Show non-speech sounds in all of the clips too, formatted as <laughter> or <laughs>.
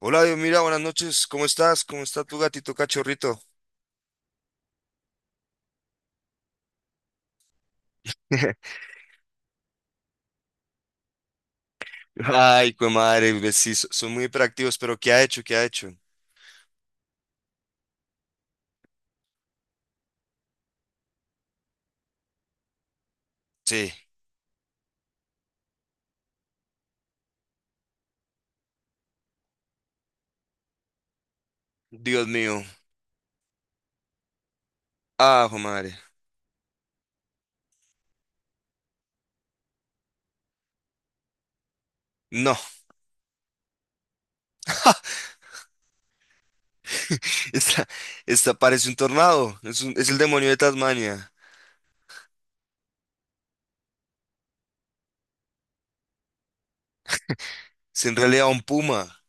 Hola, Dios, mira, buenas noches. ¿Cómo estás? ¿Cómo está tu gatito cachorrito? Ay, pues madre, ves, sí, son muy hiperactivos, pero ¿qué ha hecho? ¿Qué ha hecho? Sí, Dios mío. Ah, jue madre. No, <laughs> esta, esta parece un tornado. Es, es el demonio de Tasmania. Es en realidad un puma.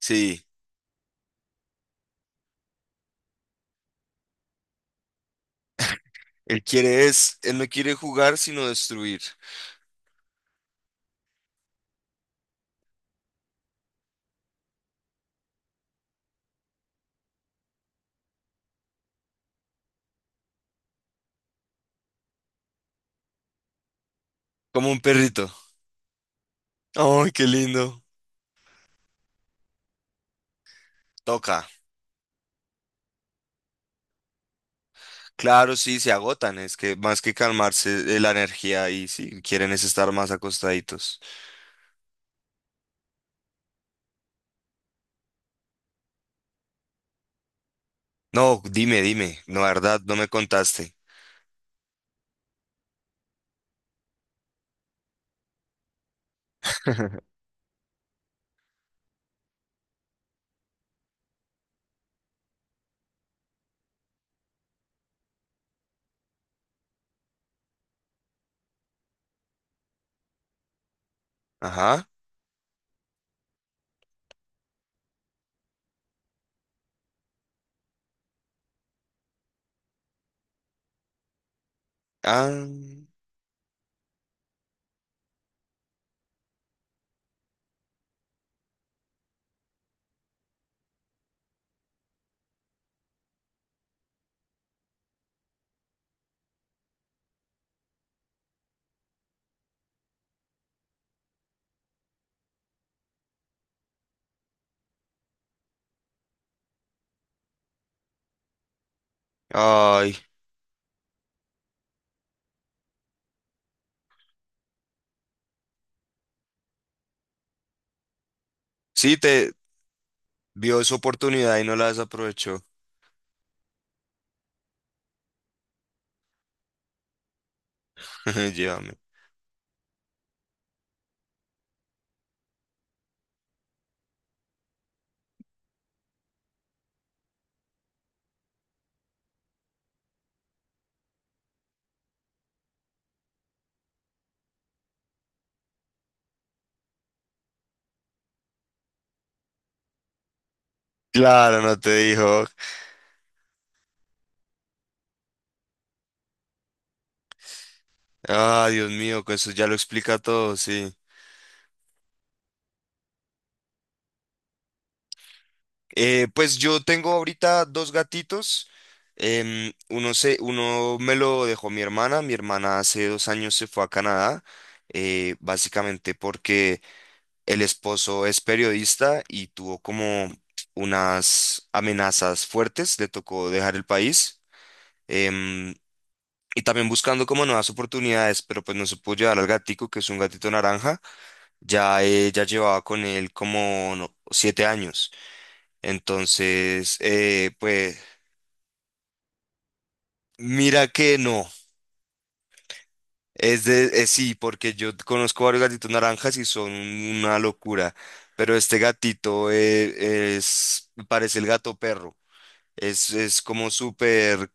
Sí, él no quiere jugar, sino destruir. Como un perrito. Ay, qué lindo. Toca. Claro, sí, se agotan. Es que más que calmarse la energía y sí, quieren es estar más acostaditos. No, dime, dime. No, la verdad, no me contaste. <laughs> Ajá. Ah, ay. Sí, te vio su oportunidad y no la desaprovechó. <laughs> Llévame. Claro, no te dijo. Ah, Dios mío, que eso ya lo explica todo, sí. Pues yo tengo ahorita dos gatitos. Uno me lo dejó mi hermana. Mi hermana hace 2 años se fue a Canadá, básicamente porque el esposo es periodista y tuvo como unas amenazas fuertes, le tocó dejar el país. em, y también buscando como nuevas oportunidades, pero pues no se pudo llevar al gatico, que es un gatito naranja. Ya ella llevaba con él como no, 7 años. Entonces, pues mira que no. Es de, es sí, porque yo conozco varios gatitos naranjas y son una locura. Pero este gatito es, parece el gato perro. Es como súper,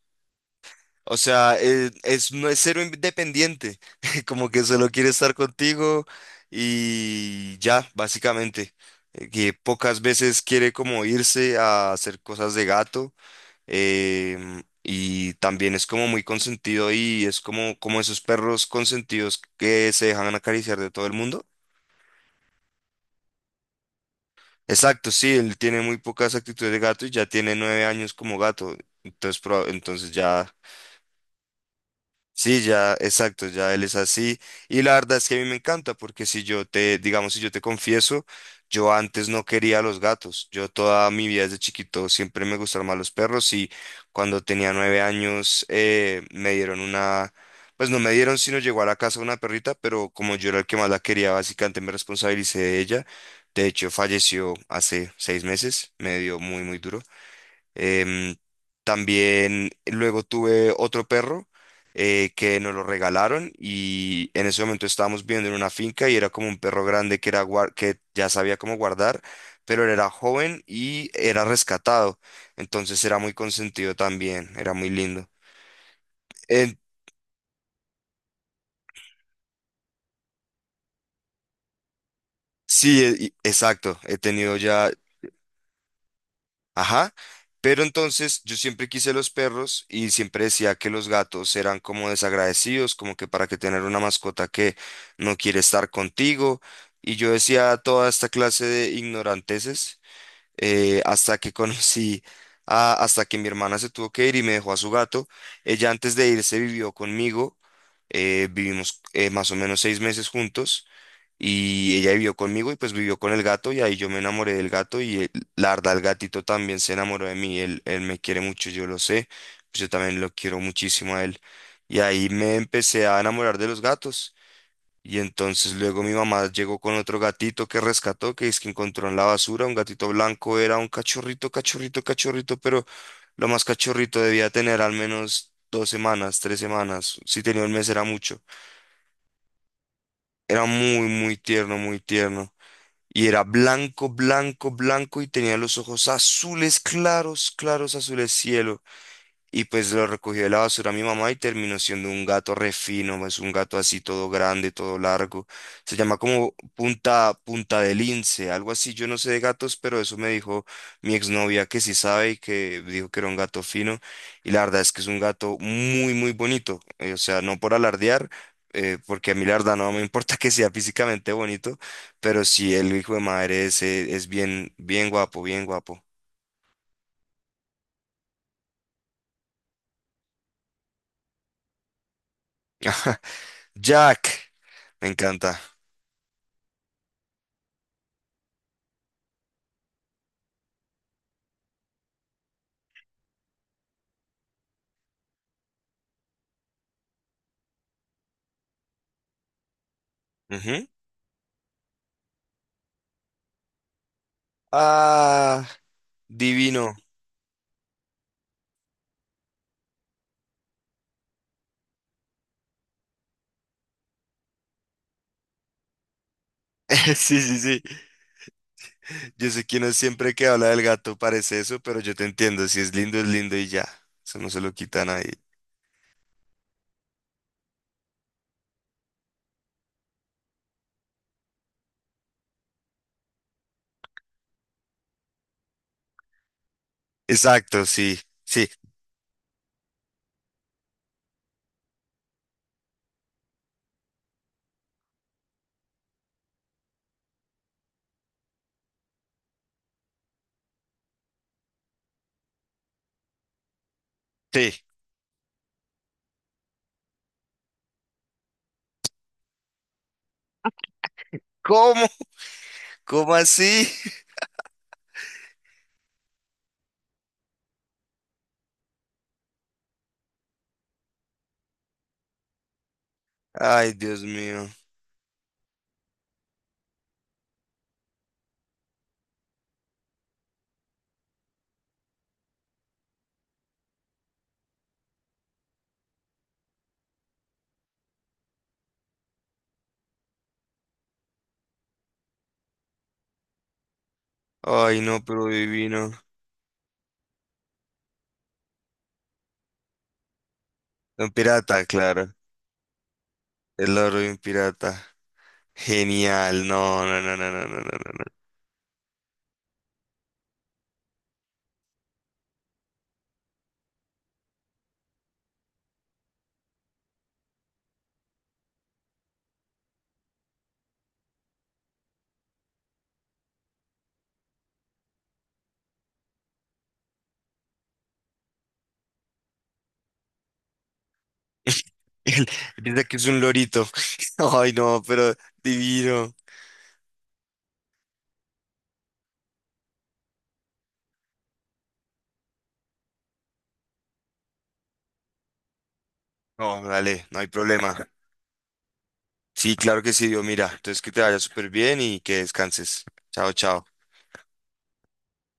o sea, es, no es cero independiente, <laughs> como que solo quiere estar contigo y ya, básicamente. Que pocas veces quiere como irse a hacer cosas de gato, y también es como muy consentido y es como, como esos perros consentidos que se dejan acariciar de todo el mundo. Exacto, sí, él tiene muy pocas actitudes de gato y ya tiene 9 años como gato, entonces, ya... Sí, ya, exacto, ya él es así. Y la verdad es que a mí me encanta, porque si yo te, digamos, si yo te confieso, yo antes no quería a los gatos. Yo toda mi vida desde chiquito siempre me gustaron más los perros y cuando tenía 9 años me dieron una, pues no me dieron, sino llegó a la casa una perrita, pero como yo era el que más la quería, básicamente me responsabilicé de ella. De hecho, falleció hace 6 meses, me dio muy, muy duro. Em, también luego tuve otro perro que nos lo regalaron y en ese momento estábamos viviendo en una finca y era como un perro grande que, que ya sabía cómo guardar, pero él era joven y era rescatado. Entonces era muy consentido también, era muy lindo. En- sí, exacto. He tenido ya, ajá, pero entonces yo siempre quise los perros y siempre decía que los gatos eran como desagradecidos, como que para que tener una mascota que no quiere estar contigo. Y yo decía toda esta clase de ignoranteses hasta que <laughs> conocí, hasta que mi hermana se tuvo que ir y me dejó a su gato. Ella antes de irse vivió conmigo, vivimos más o menos 6 meses juntos. Y ella vivió conmigo y pues vivió con el gato y ahí yo me enamoré del gato y la verdad el gatito también se enamoró de mí, él me quiere mucho, yo lo sé, pues yo también lo quiero muchísimo a él. Y ahí me empecé a enamorar de los gatos y entonces luego mi mamá llegó con otro gatito que rescató, que es que encontró en la basura, un gatito blanco, era un cachorrito, cachorrito, cachorrito, pero lo más cachorrito debía tener al menos 2 semanas, 3 semanas, si tenía un mes era mucho, era muy, muy tierno, muy tierno. Y era blanco, blanco, blanco y tenía los ojos azules, claros, claros, azules cielo. Y pues lo recogió de la basura mi mamá y terminó siendo un gato re fino, es un gato así todo grande, todo largo. Se llama como punta, punta de lince, algo así. Yo no sé de gatos, pero eso me dijo mi exnovia que sí sabe y que dijo que era un gato fino. Y la verdad es que es un gato muy, muy bonito. O sea, no por alardear, porque a mí la verdad no me importa <laughs> que sea físicamente bonito, pero sí el hijo de madre es bien, bien guapo, bien guapo. <laughs> Jack, me encanta. Ah, divino. <laughs> Sí, sí, sí. Yo sé que uno siempre que habla del gato parece eso, pero yo te entiendo. Si es lindo, es lindo y ya. Eso no se lo quitan ahí. Exacto, sí, sí, sí. ¿Cómo? ¿Cómo así? Ay, Dios mío. Ay, no, pero divino. Un pirata, claro. El loro de un pirata. Genial. No, no, no, no, no, no, no, no, no. <laughs> Él piensa que es un lorito. <laughs> Ay, no, pero divino. No, dale, no hay problema. Sí, claro que sí, Dios, mira. Entonces que te vaya súper bien y que descanses. Chao, chao.